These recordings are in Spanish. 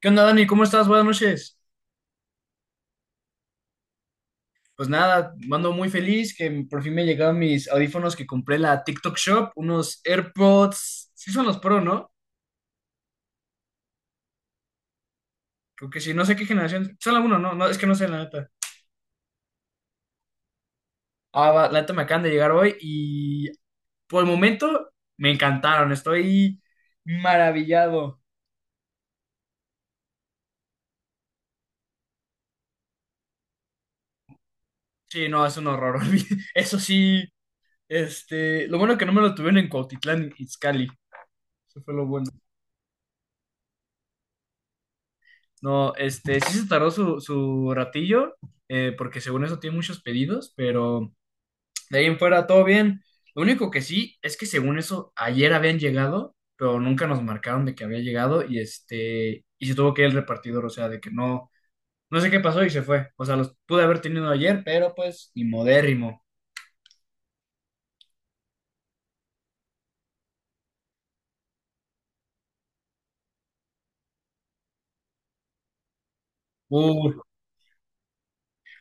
¿Qué onda, Dani? ¿Cómo estás? Buenas noches. Pues nada, ando muy feliz que por fin me llegaron mis audífonos que compré en la TikTok Shop, unos AirPods. Sí son los Pro, ¿no? Creo que sí, no sé qué generación. Son algunos, ¿no? No, es que no sé, la neta. Ah, va, la neta me acaban de llegar hoy y por el momento me encantaron. Estoy maravillado. Sí, no, es un horror. Eso sí, este, lo bueno que no me lo tuvieron en Cuautitlán, Izcalli. Eso fue lo bueno. No, este, sí se tardó su ratillo, porque según eso tiene muchos pedidos, pero de ahí en fuera todo bien. Lo único que sí es que según eso ayer habían llegado, pero nunca nos marcaron de que había llegado y este, y se tuvo que ir el repartidor, o sea, de que no, no sé qué pasó y se fue. O sea, los pude haber tenido ayer, pero pues, y modérrimo. Uh.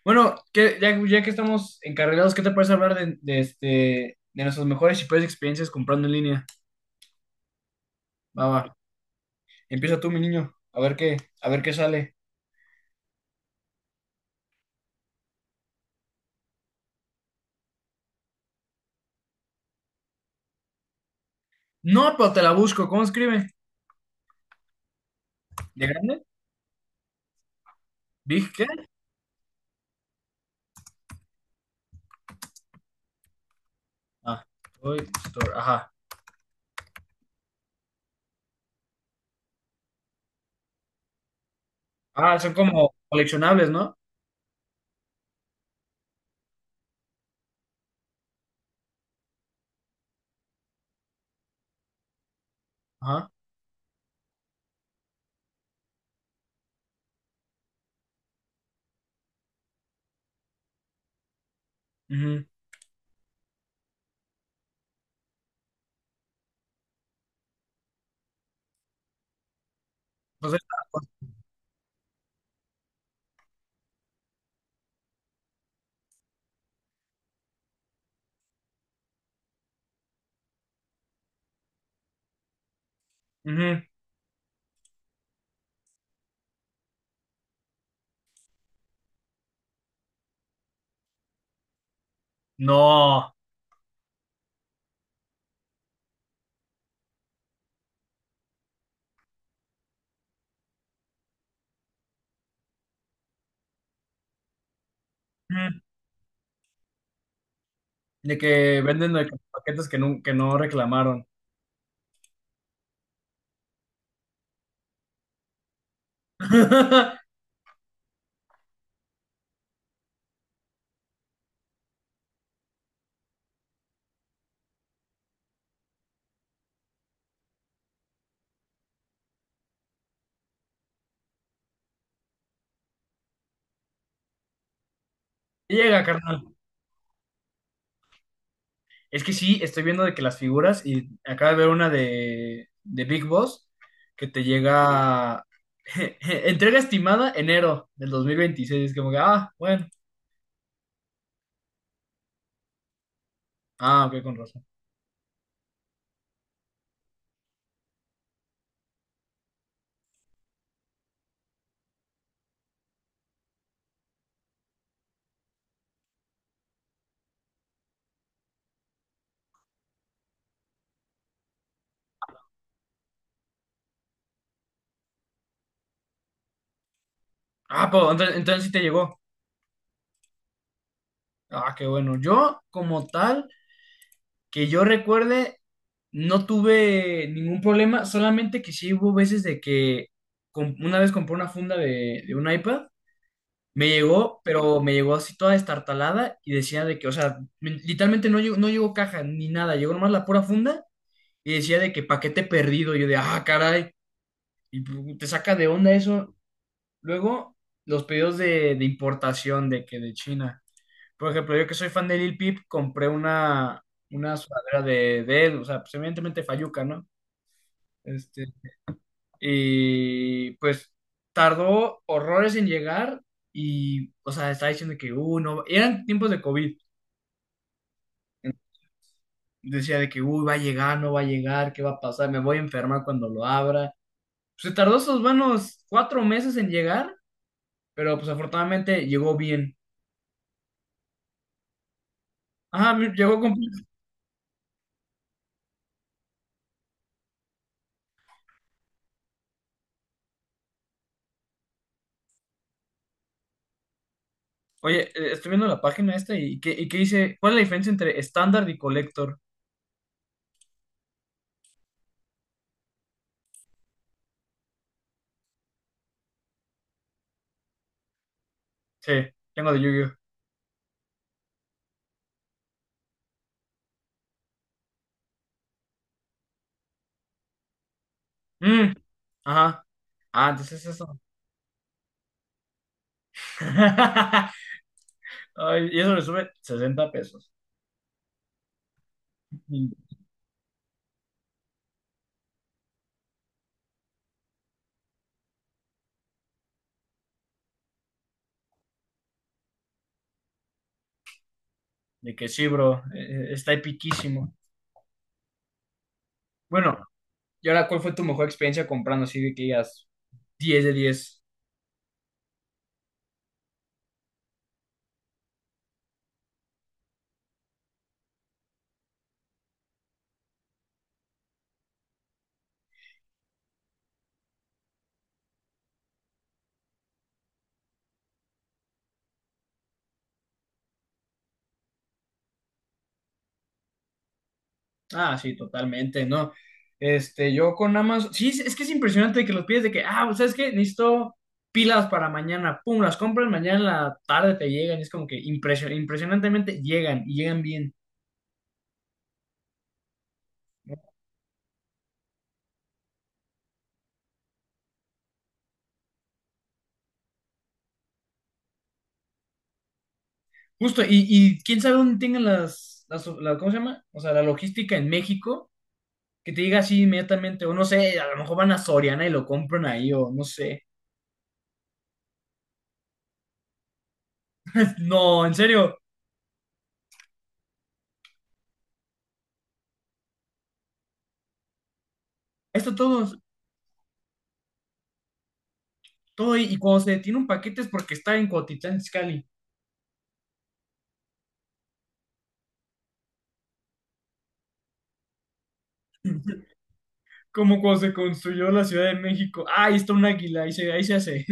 Bueno, que, ya, ya que estamos encarrilados, ¿qué te parece hablar de este, de nuestras mejores y peores experiencias comprando en línea? Va, va. Empieza tú, mi niño. A ver qué sale. No, pero te la busco. ¿Cómo escribe? ¿De grande? ¿Big qué? Ah, Toy Store. Ajá. Ah, son como coleccionables, ¿no? Ajá. Ujú. Pues esta, pues, ujú. No. Ujú. De que venden de que paquetes que no reclamaron. Llega, carnal. Es que sí, estoy viendo de que las figuras, y acabo de ver una de Big Boss, que te llega entrega estimada enero del 2026. Es como que, ah, bueno, ah, ok, con razón. Ah, pues entonces sí te llegó. Ah, qué bueno. Yo, como tal, que yo recuerde, no tuve ningún problema, solamente que sí hubo veces de que una vez compré una funda de un iPad. Me llegó, pero me llegó así toda destartalada y decía de que, o sea, literalmente no llegó, caja ni nada, llegó nomás la pura funda y decía de que paquete perdido. Yo de, ah, caray, y te saca de onda eso. Luego, los pedidos de importación de que de China. Por ejemplo, yo que soy fan de Lil Peep, compré una sudadera de él, o sea, pues evidentemente Fayuca, ¿no? Este, y pues tardó horrores en llegar y, o sea, estaba diciendo que, no, eran tiempos de COVID. Decía de que, uy, va a llegar, no va a llegar, ¿qué va a pasar? Me voy a enfermar cuando lo abra. Se tardó esos buenos 4 meses en llegar, pero pues afortunadamente llegó bien. Ajá, llegó con. Oye, estoy viendo la página esta y qué dice? ¿Cuál es la diferencia entre estándar y collector? Sí, tengo de Yu-Gi-Oh. Mm, ajá. Ah, entonces es eso. Ay, y eso le sube $60. De que sí, bro, está epiquísimo. Bueno, y ahora, ¿cuál fue tu mejor experiencia comprando? Así de que digas 10 de 10. Ah, sí, totalmente, ¿no? Este, yo con Amazon, sí, es que es impresionante que los pides de que, ah, pues, ¿sabes qué? Necesito pilas para mañana, pum, las compras mañana en la tarde te llegan, y es como que impresionantemente llegan y llegan bien. Justo, y quién sabe dónde tengan ¿cómo se llama? O sea, la logística en México que te diga así inmediatamente, o no sé, a lo mejor van a Soriana y lo compran ahí, o no sé. No, en serio, esto todo, todo, y cuando se detiene un paquete es porque está en Cuautitlán Izcalli. Como cuando se construyó la Ciudad de México. Ah, ahí está un águila, ahí se hace.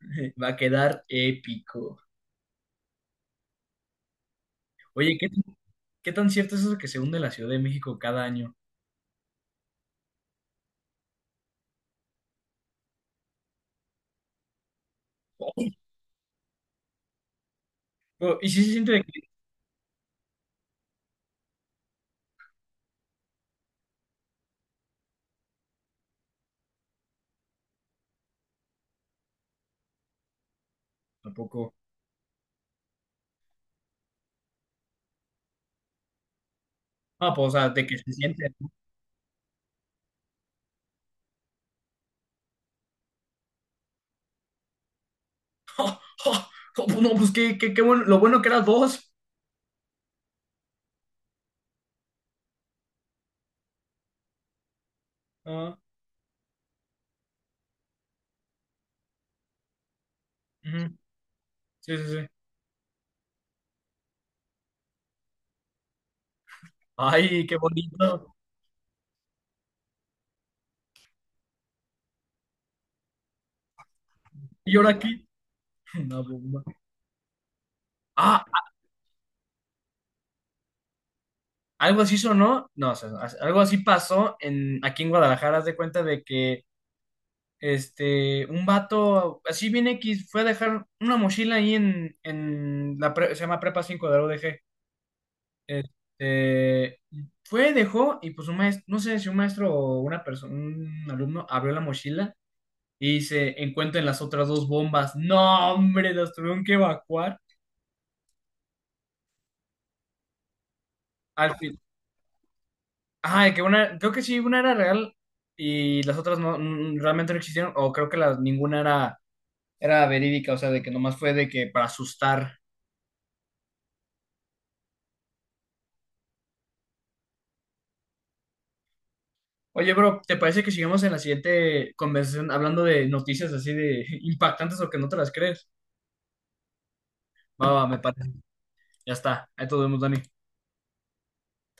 Va a quedar épico. Oye, ¿qué tan cierto es eso que se hunde la Ciudad de México cada año? Oh, oh, y si se siente de que. Tampoco. Ah, pues, o sea, de que se siente. Oh, oh, oh, pues no, pues qué, qué, qué bueno, lo bueno que era dos. Ah, ujú. Sí, sí, sí. Ay, qué bonito. ¿Y ahora qué? Una bomba. Ah, algo así sonó. No, o sea, algo así pasó aquí en Guadalajara. Haz de cuenta de que este, un vato, así bien X, fue a dejar una mochila ahí se llama Prepa 5 de la UDG. Este, fue, dejó, y pues un maestro, no sé si un maestro o una persona, un alumno abrió la mochila y se encuentran las otras dos bombas. No, hombre, las tuvieron que evacuar. Ah, que una, creo que sí, una era real y las otras no, realmente no existieron, o creo que ninguna era, verídica, o sea, de que nomás fue de que para asustar. Oye, bro, ¿te parece que sigamos en la siguiente conversación hablando de noticias así de impactantes o que no te las crees? Va, va, me parece. Ya está. Ahí todo vemos, Dani.